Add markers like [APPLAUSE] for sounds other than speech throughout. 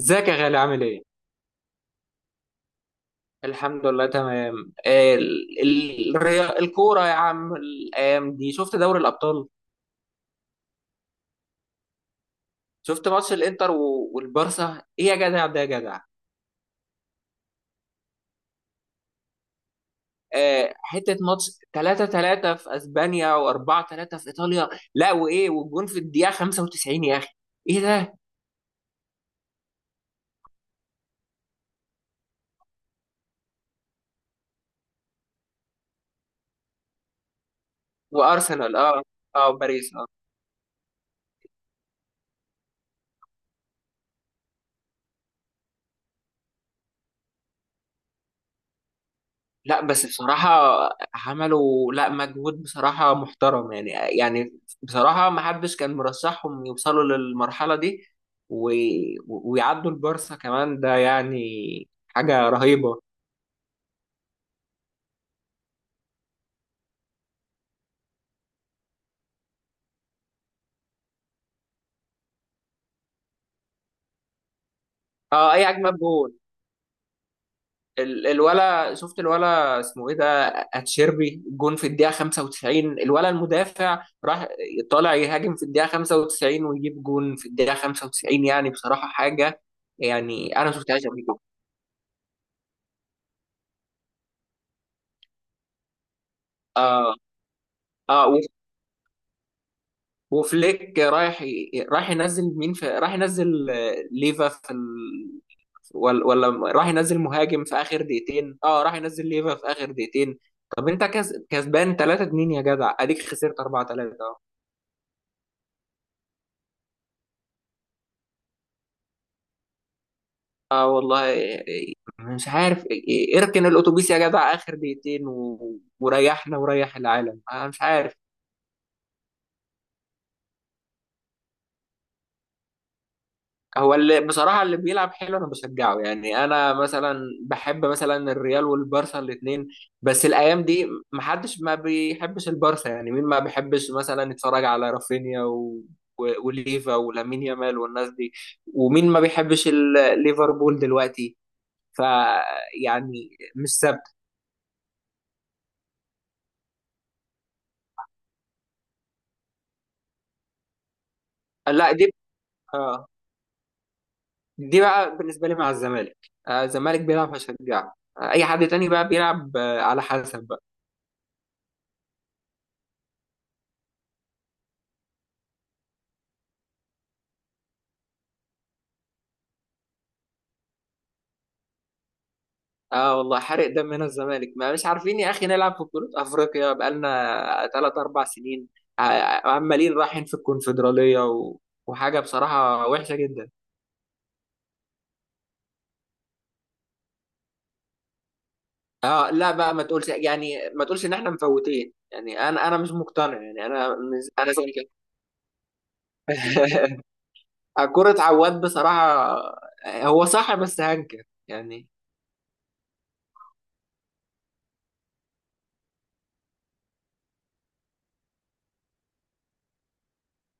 ازيك يا غالي، عامل ايه؟ الحمد لله، تمام. الكورة يا عم، الأيام دي شفت دوري الأبطال؟ شفت ماتش الإنتر والبارسا؟ ايه يا جدع، ده يا جدع؟ حتة ماتش 3-3 في أسبانيا، و4-3 في إيطاليا. لا، وإيه والجون في الدقيقة 95 يا أخي؟ ايه ده؟ وأرسنال، اه. اه، باريس. لا، بس بصراحة عملوا لا مجهود بصراحة محترم، يعني. يعني بصراحة ما حدش كان مرشحهم يوصلوا للمرحلة دي، و... ويعدوا البارسا كمان، ده يعني حاجة رهيبة. اه، اي اجمد جول. الولا، شفت الولا اسمه ايه ده؟ اتشيربي جون في الدقيقة 95، الولا المدافع راح طالع يهاجم في الدقيقة 95، ويجيب جون في الدقيقة 95. يعني بصراحة حاجة، يعني انا ما شفتهاش قبل كده. اه. اه، وفليك رايح رايح ينزل مين، في رايح ينزل ليفا في ولا راح ينزل مهاجم في اخر دقيقتين، اه، راح ينزل ليفا في اخر دقيقتين. طب انت كسبان 3 2 يا جدع، اديك خسرت 4 3، اه. اه، والله إيه، مش عارف إيه، إيه، اركن الاتوبيس يا جدع اخر دقيقتين، وريحنا وريح العالم، انا مش عارف. هو اللي بصراحة اللي بيلعب حلو أنا بشجعه، يعني. أنا مثلا بحب مثلا الريال والبارسا الاتنين، بس الأيام دي محدش ما بيحبش البارسا، يعني مين ما بيحبش مثلا يتفرج على رافينيا وليفا ولامين يامال والناس دي، ومين ما بيحبش ليفربول دلوقتي؟ ف يعني، مش ثابت. لا دي آه دي بقى بالنسبة لي مع الزمالك. الزمالك بيلعب هشجعه، أي حد تاني بقى بيلعب على حسب. اه، والله حرق دمنا الزمالك، ما مش عارفين يا اخي نلعب في بطولة افريقيا بقالنا ثلاث اربع سنين. عمالين رايحين في الكونفدرالية وحاجة بصراحة وحشة جدا. اه، لا بقى، ما تقولش يعني، ما تقولش ان احنا مفوتين. يعني انا مش مقتنع، يعني انا مش- انا زعلان. [LAUGHS] كرة عواد بصراحة، هو صح بس هنكر يعني.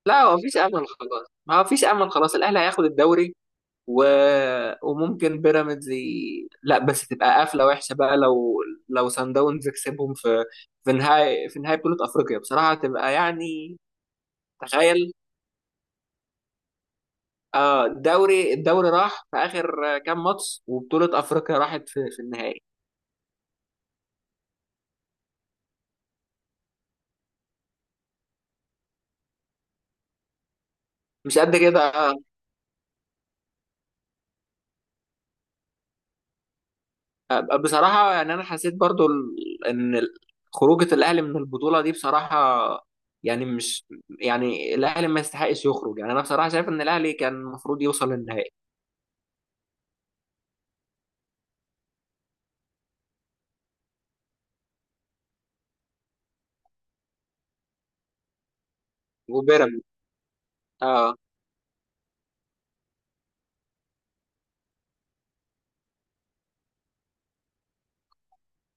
لا، هو مفيش امل خلاص، ما هو مفيش امل خلاص، الاهلي هياخد الدوري. و... وممكن بيراميدز لا، بس تبقى قفله وحشه بقى لو، لو سان داونز كسبهم في نهائي بطوله افريقيا، بصراحه تبقى يعني، تخيل. اه، الدوري راح في اخر كام ماتش، وبطوله افريقيا راحت في النهائي. مش قد كده. بصراحه يعني انا حسيت برضو خروجه الاهلي من البطوله دي، بصراحه، يعني مش يعني الاهلي ما يستحقش يخرج، يعني انا بصراحه شايف ان الاهلي كان المفروض يوصل للنهائي، وبيراميدز. اه.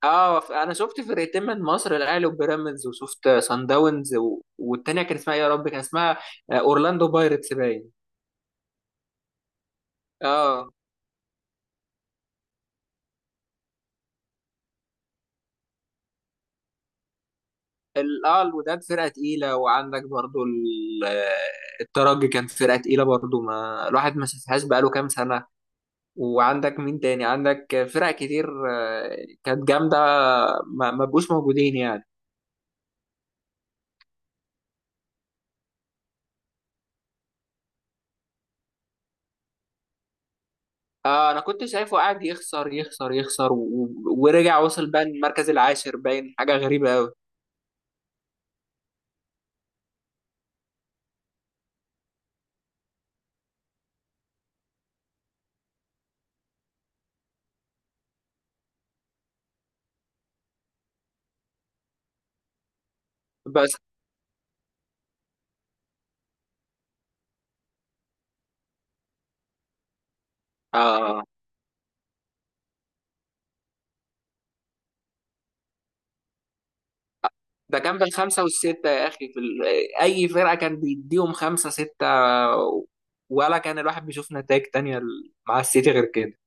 اه، انا شفت فرقتين من مصر، الاهلي وبيراميدز، وشفت سان داونز والتانيه كان اسمها إيه يا رب، كان اسمها اورلاندو بايرتس باين. اه. اه، الوداد فرقه تقيله، وعندك برضو الترجي كان فرقه تقيله برضو، ما الواحد ما شافهاش بقاله كام سنه. وعندك مين تاني؟ عندك فرق كتير كانت جامده، ما بقوش موجودين يعني. انا كنت شايفه قاعد يخسر يخسر يخسر ورجع وصل بقى المركز العاشر باين، حاجه غريبه قوي. اه، ده كان بالخمسة والستة يا أخي، في أي فرقة كان بيديهم خمسة ستة، ولا كان الواحد بيشوف نتائج تانية مع السيتي غير كده.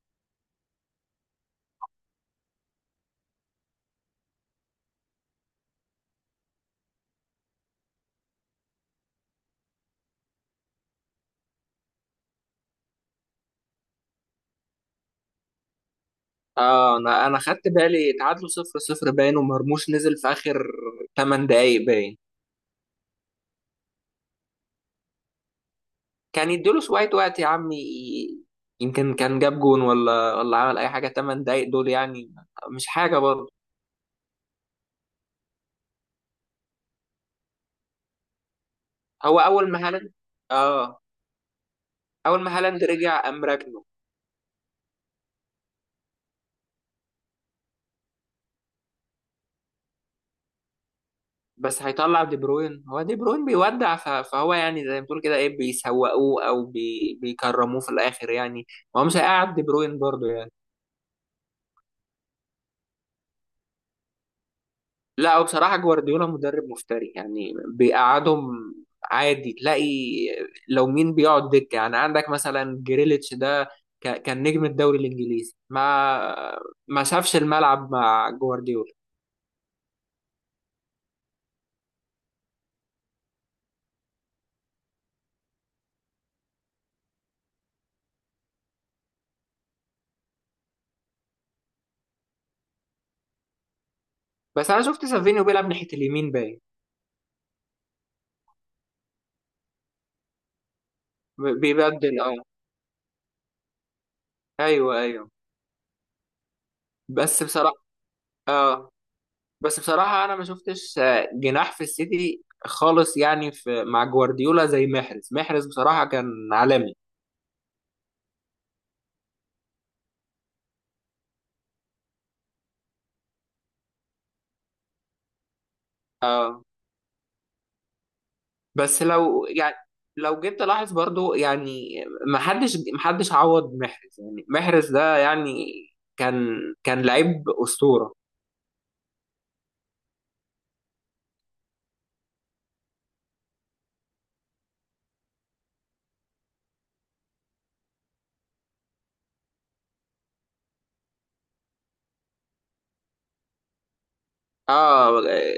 اه، أنا خدت بالي تعادلوا 0-0 باين، ومرموش نزل في آخر 8 دقايق باين. كان يديله شوية وقت يا عم يمكن كان جاب جون، ولا عمل أي حاجة، 8 دقايق دول يعني، مش حاجة برضه. هو أول ما هالاند اه، أول ما هالاند رجع قام راكنه. بس هيطلع دي بروين، هو دي بروين بيودع، فهو يعني زي ما بتقول كده، ايه، بيسوقوه او بيكرموه في الاخر يعني. هو مش هيقعد دي بروين برضه يعني. لا، هو بصراحة جوارديولا مدرب مفتري، يعني بيقعدهم. عادي تلاقي، لو مين بيقعد دكة؟ يعني عندك مثلا جريليتش ده كان نجم الدوري الانجليزي، ما شافش الملعب مع جوارديولا. بس انا شفت سافينيو بيلعب ناحية اليمين باين. بيبدل، اه. ايوه ايوه. بس بصراحة، اه. بس بصراحة أنا ما شفتش جناح في السيتي خالص يعني، في مع جوارديولا زي محرز. محرز بصراحة كان عالمي. آه، بس لو يعني، لو جيت تلاحظ برضو يعني، ما حدش عوض محرز، يعني محرز ده يعني، كان كان لعيب أسطورة. اه.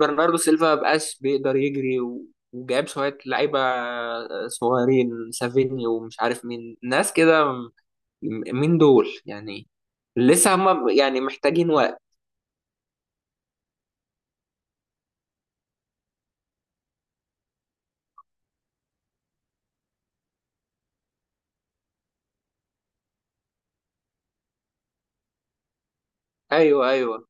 برناردو سيلفا مبقاش بيقدر يجري وجاب شوية لعيبة صغيرين، سافيني ومش عارف مين، ناس كده. مين دول يعني؟ لسه هم يعني محتاجين وقت. ايوه ايوه.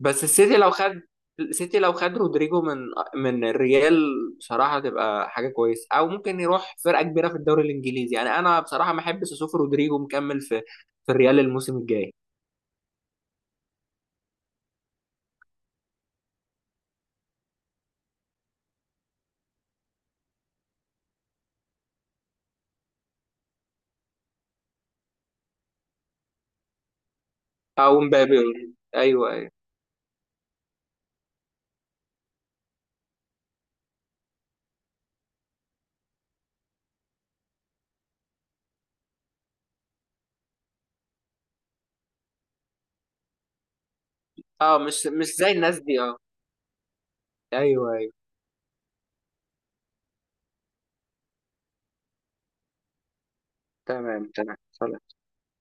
بس السيتي لو خد السيتي لو خد رودريجو من الريال، بصراحه تبقى حاجه كويسه، او ممكن يروح فرقه كبيره في الدوري الانجليزي، يعني انا بصراحه ما احبش اشوف رودريجو مكمل في الريال الموسم الجاي، او مبابي. ايوه ايوه. اه، مش زي الناس دي، اه. ايوه ايوه. تمام تمام خلاص.